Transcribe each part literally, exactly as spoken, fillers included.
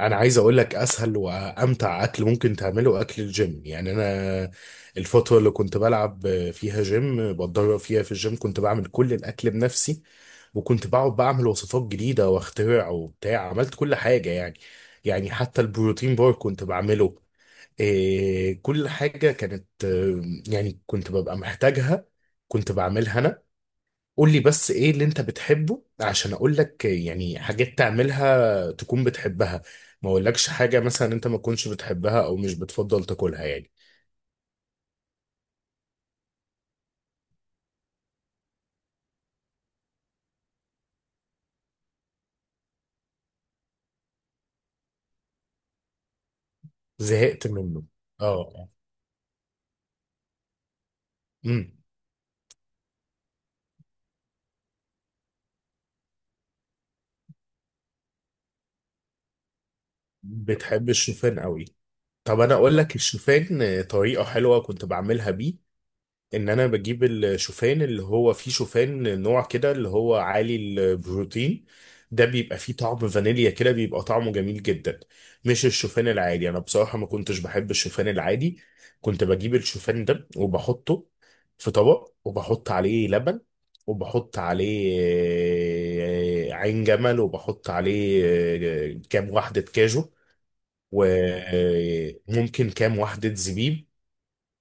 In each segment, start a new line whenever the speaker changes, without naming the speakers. انا عايز اقول لك اسهل وامتع اكل ممكن تعمله اكل الجيم. يعني انا الفتره اللي كنت بلعب فيها جيم، بتدرب فيها في الجيم، كنت بعمل كل الاكل بنفسي، وكنت بقعد بعمل وصفات جديده واخترع وبتاع، عملت كل حاجه يعني يعني حتى البروتين بار كنت بعمله. إيه، كل حاجه كانت آه، يعني كنت ببقى محتاجها، كنت بعملها انا. قول لي بس ايه اللي انت بتحبه عشان اقول لك يعني حاجات تعملها تكون بتحبها، ما اقولكش حاجة مثلا انت ما تكونش بتحبها او مش بتفضل تاكلها يعني. زهقت منه. اه. امم. بتحب الشوفان قوي؟ طب انا اقول لك الشوفان طريقة حلوة كنت بعملها بيه. ان انا بجيب الشوفان، اللي هو فيه شوفان نوع كده اللي هو عالي البروتين، ده بيبقى فيه طعم فانيليا كده، بيبقى طعمه جميل جدا، مش الشوفان العادي. انا بصراحة ما كنتش بحب الشوفان العادي. كنت بجيب الشوفان ده وبحطه في طبق، وبحط عليه لبن، وبحط عليه آه، عين جمل، وبحط عليه آه، كام واحدة كاجو، وممكن كام واحدة زبيب،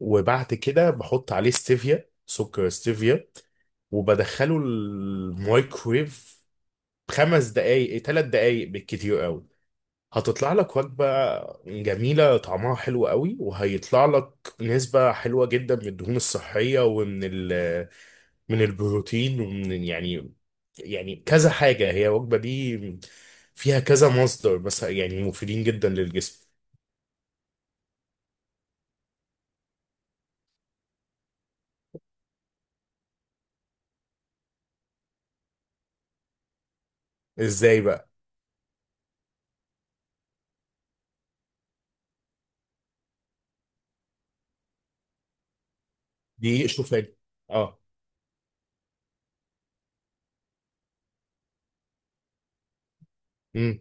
وبعد كده بحط عليه ستيفيا، سكر ستيفيا، وبدخله الميكرويف خمس دقايق، ثلاث دقايق بالكتير قوي. هتطلع لك وجبة جميلة طعمها حلو قوي، وهيطلع لك نسبة حلوة جدا من الدهون الصحية، ومن ال من البروتين، ومن يعني، يعني كذا حاجة. هي الوجبة دي فيها كذا مصدر بس يعني مفيدين جدا للجسم. ازاي بقى؟ دي شوفان. اه. امم.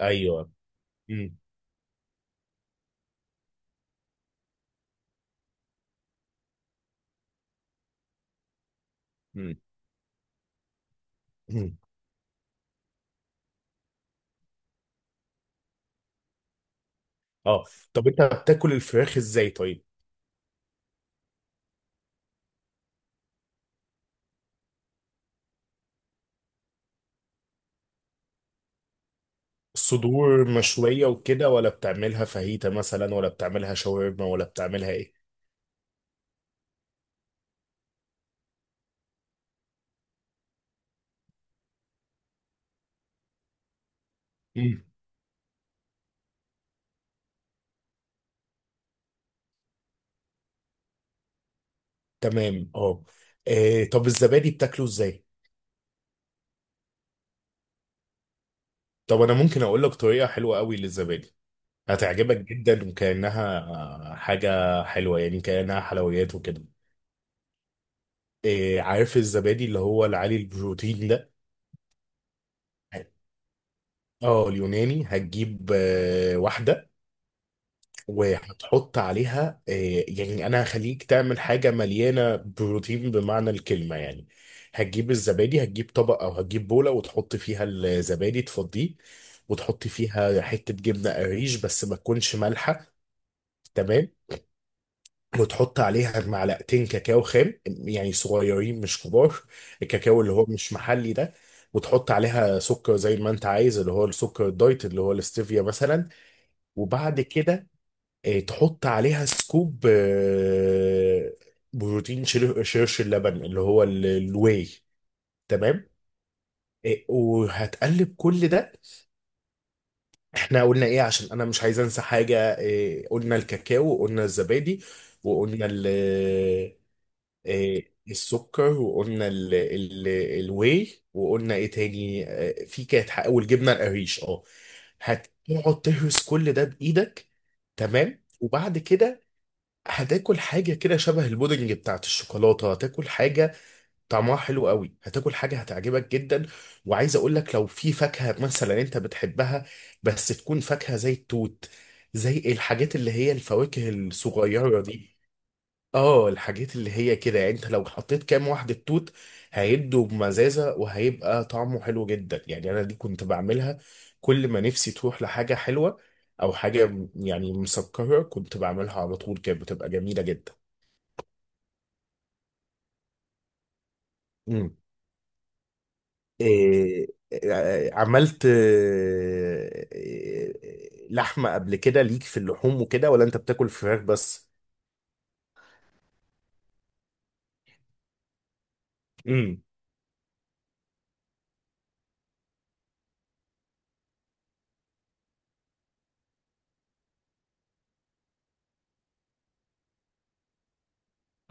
ايوه. مم. مم. اه. طب انت بتاكل الفراخ ازاي طيب؟ الصدور مشوية وكده، ولا بتعملها فاهيتا مثلا، ولا بتعملها شاورما، ولا بتعملها ايه؟ مم. تمام، اه. آه، طب الزبادي بتاكله ازاي؟ طب انا ممكن اقول لك طريقة حلوة قوي للزبادي، هتعجبك جدا، وكأنها آه، حاجة حلوة، يعني كأنها حلويات وكده. إيه، عارف الزبادي اللي هو العالي البروتين ده؟ اه اليوناني. هتجيب آه، واحدة، وهتحط عليها آه، يعني انا هخليك تعمل حاجه مليانه بروتين بمعنى الكلمه يعني. هتجيب الزبادي، هتجيب طبق او هتجيب بوله وتحط فيها الزبادي، تفضيه، وتحط فيها حته جبنه قريش بس ما تكونش مالحه. تمام. وتحط عليها معلقتين كاكاو خام، يعني صغيرين مش كبار، الكاكاو اللي هو مش محلي ده. وتحط عليها سكر زي ما انت عايز، اللي هو السكر الدايت، اللي هو الاستيفيا مثلا. وبعد كده آه، تحط عليها سكوب آه، بروتين، شير- شيرش اللبن، اللي هو ال- الواي. تمام. آه، وهتقلب كل ده. احنا قلنا ايه عشان انا مش عايز انسى حاجة آه، قلنا الكاكاو، وقلنا الزبادي، وقلنا ال آه، السكر، وقلنا ال ال الواي، وقلنا ايه تاني؟ آه، في كانت حق- والجبنة القريش، اه. هتقعد تهرس كل ده بإيدك. تمام. وبعد كده هتاكل حاجة كده شبه البودنج بتاعت الشوكولاتة، هتاكل حاجة طعمها حلو قوي، هتاكل حاجة هتعجبك جدا. وعايز اقول لك لو في فاكهة مثلا انت بتحبها، بس تكون فاكهة زي التوت، زي الحاجات اللي هي الفواكه الصغيرة دي. اه، الحاجات اللي هي كده، يعني انت لو حطيت كام واحدة توت هيدوا بمزازة وهيبقى طعمه حلو جدا. يعني انا دي كنت بعملها كل ما نفسي تروح لحاجة حلوة او حاجة يعني مسكرة، كنت بعملها على طول، كانت بتبقى جميلة جدا. مم. إيه. إيه، عملت إيه، إيه، لحمة قبل كده ليك في اللحوم وكده، ولا انت بتاكل فراخ بس؟ امم.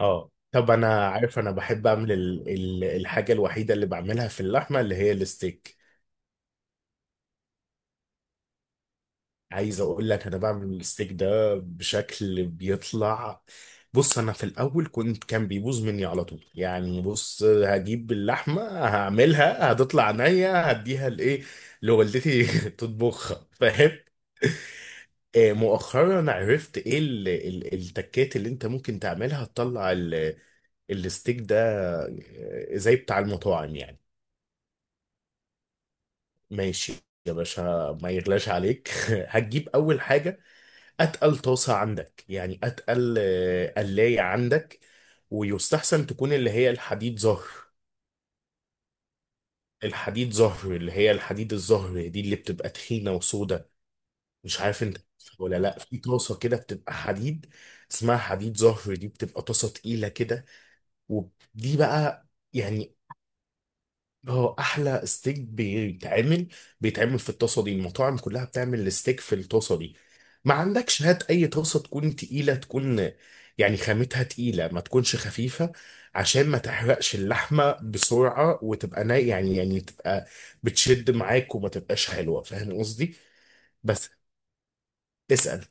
اه، طب انا عارف انا بحب اعمل ال ال الحاجة الوحيدة اللي بعملها في اللحمة اللي هي الستيك. عايز اقول لك انا بعمل الستيك ده بشكل بيطلع. بص، انا في الاول كنت كان بيبوظ مني على طول. يعني بص، هجيب اللحمه، هعملها، هتطلع عينيا، هديها لايه، لوالدتي تطبخها، فاهم؟ آه، مؤخرا عرفت ايه ال- ال- التكات اللي انت ممكن تعملها تطلع ال- الستيك ده، آه، زي بتاع المطاعم يعني. ماشي يا باشا، ما يغلاش عليك هتجيب اول حاجه اتقل طاسه عندك، يعني اتقل آه، قلايه عندك، ويستحسن تكون اللي هي الحديد زهر. الحديد زهر اللي هي الحديد الزهر دي، اللي بتبقى تخينه وسودة، مش عارف انت ولا لا؟ في طاسه كده بتبقى حديد، اسمها حديد زهر، دي بتبقى طاسه تقيله كده، ودي بقى يعني، اه، احلى ستيك بيتعمل، بيتعمل في الطاسه دي. المطاعم كلها بتعمل الستيك في الطاسه دي. ما عندكش، هات اي طاسه تكون تقيله، تكون يعني خامتها تقيله، ما تكونش خفيفه، عشان ما تحرقش اللحمه بسرعه، وتبقى نا، يعني يعني تبقى بتشد معاك وما تبقاش حلوه، فاهم قصدي؟ بس اسال.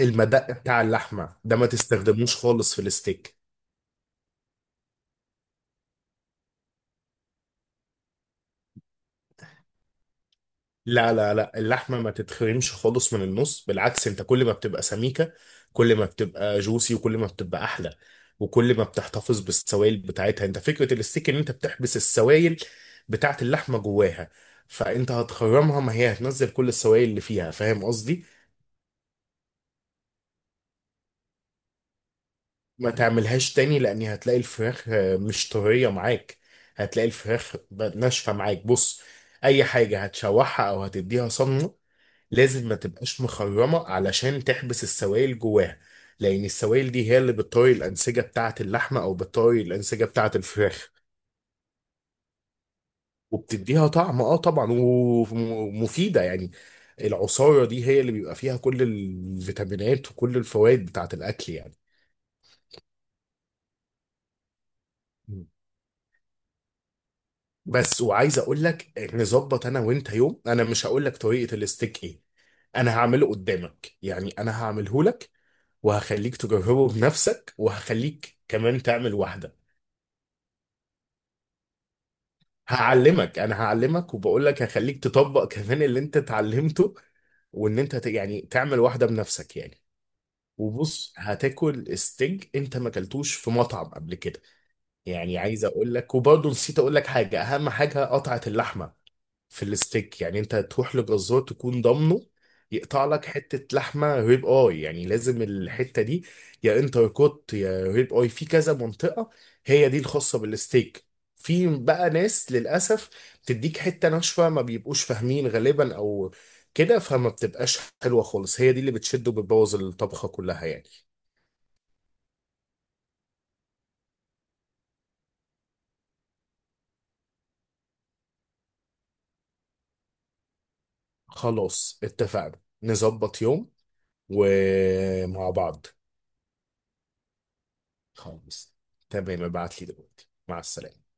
المدق بتاع اللحمه ده ما تستخدموش خالص في الستيك. لا لا لا، اللحمة ما تتخرمش خالص من النص. بالعكس، انت كل ما بتبقى سميكة كل ما بتبقى جوسي، وكل ما بتبقى احلى، وكل ما بتحتفظ بالسوائل بتاعتها. انت فكرة الستيك ان انت بتحبس السوائل بتاعت اللحمة جواها. فانت هتخرمها، ما هي هتنزل كل السوائل اللي فيها، فاهم قصدي؟ ما تعملهاش تاني، لان هتلاقي الفراخ آه، مش طرية معاك، هتلاقي الفراخ ب- ناشفة معاك. بص، اي حاجة هتشوحها او هتديها صدمة لازم ما تبقاش مخرمة، علشان تحبس السوائل جواها، لأن السوائل دي هي اللي بتطري الأنسجة بتاعة اللحمة، أو بتطري الأنسجة بتاعة الفراخ. وبتديها طعم اه طبعا، ومفيدة يعني. العصارة دي هي اللي بيبقى فيها كل الفيتامينات وكل الفوائد بتاعة الأكل يعني. مم. بس وعايز أقول لك نظبط أنا وأنت يوم. أنا مش هقول لك طريقة الستيك إيه، أنا هعمله قدامك، يعني أنا هعمله لك، وهخليك تجربه بنفسك، وهخليك كمان تعمل واحدة. هعلمك، انا هعلمك، وبقول لك هخليك تطبق كمان اللي انت اتعلمته، وان انت ت- يعني تعمل واحده بنفسك يعني. وبص، هتاكل ستيك انت ما اكلتوش في مطعم قبل كده. يعني عايز اقول لك، وبرضه نسيت اقول لك حاجه، اهم حاجه قطعه اللحمه في الستيك. يعني انت تروح لجزار تكون ضامنه، يقطع لك حتة لحمة ريب اي. يعني لازم الحتة دي يا انتر كوت يا ريب اي، في كذا منطقة هي دي الخاصة بالستيك. في بقى ناس للأسف بتديك حتة ناشفة، ما بيبقوش فاهمين غالبا أو كده، فما بتبقاش حلوة خالص، هي دي اللي بتشد وبتبوظ الطبخة كلها يعني. خلاص اتفقنا، نظبط يوم ومع بعض. خلاص. تمام، ابعت لي دلوقتي، مع السلامة.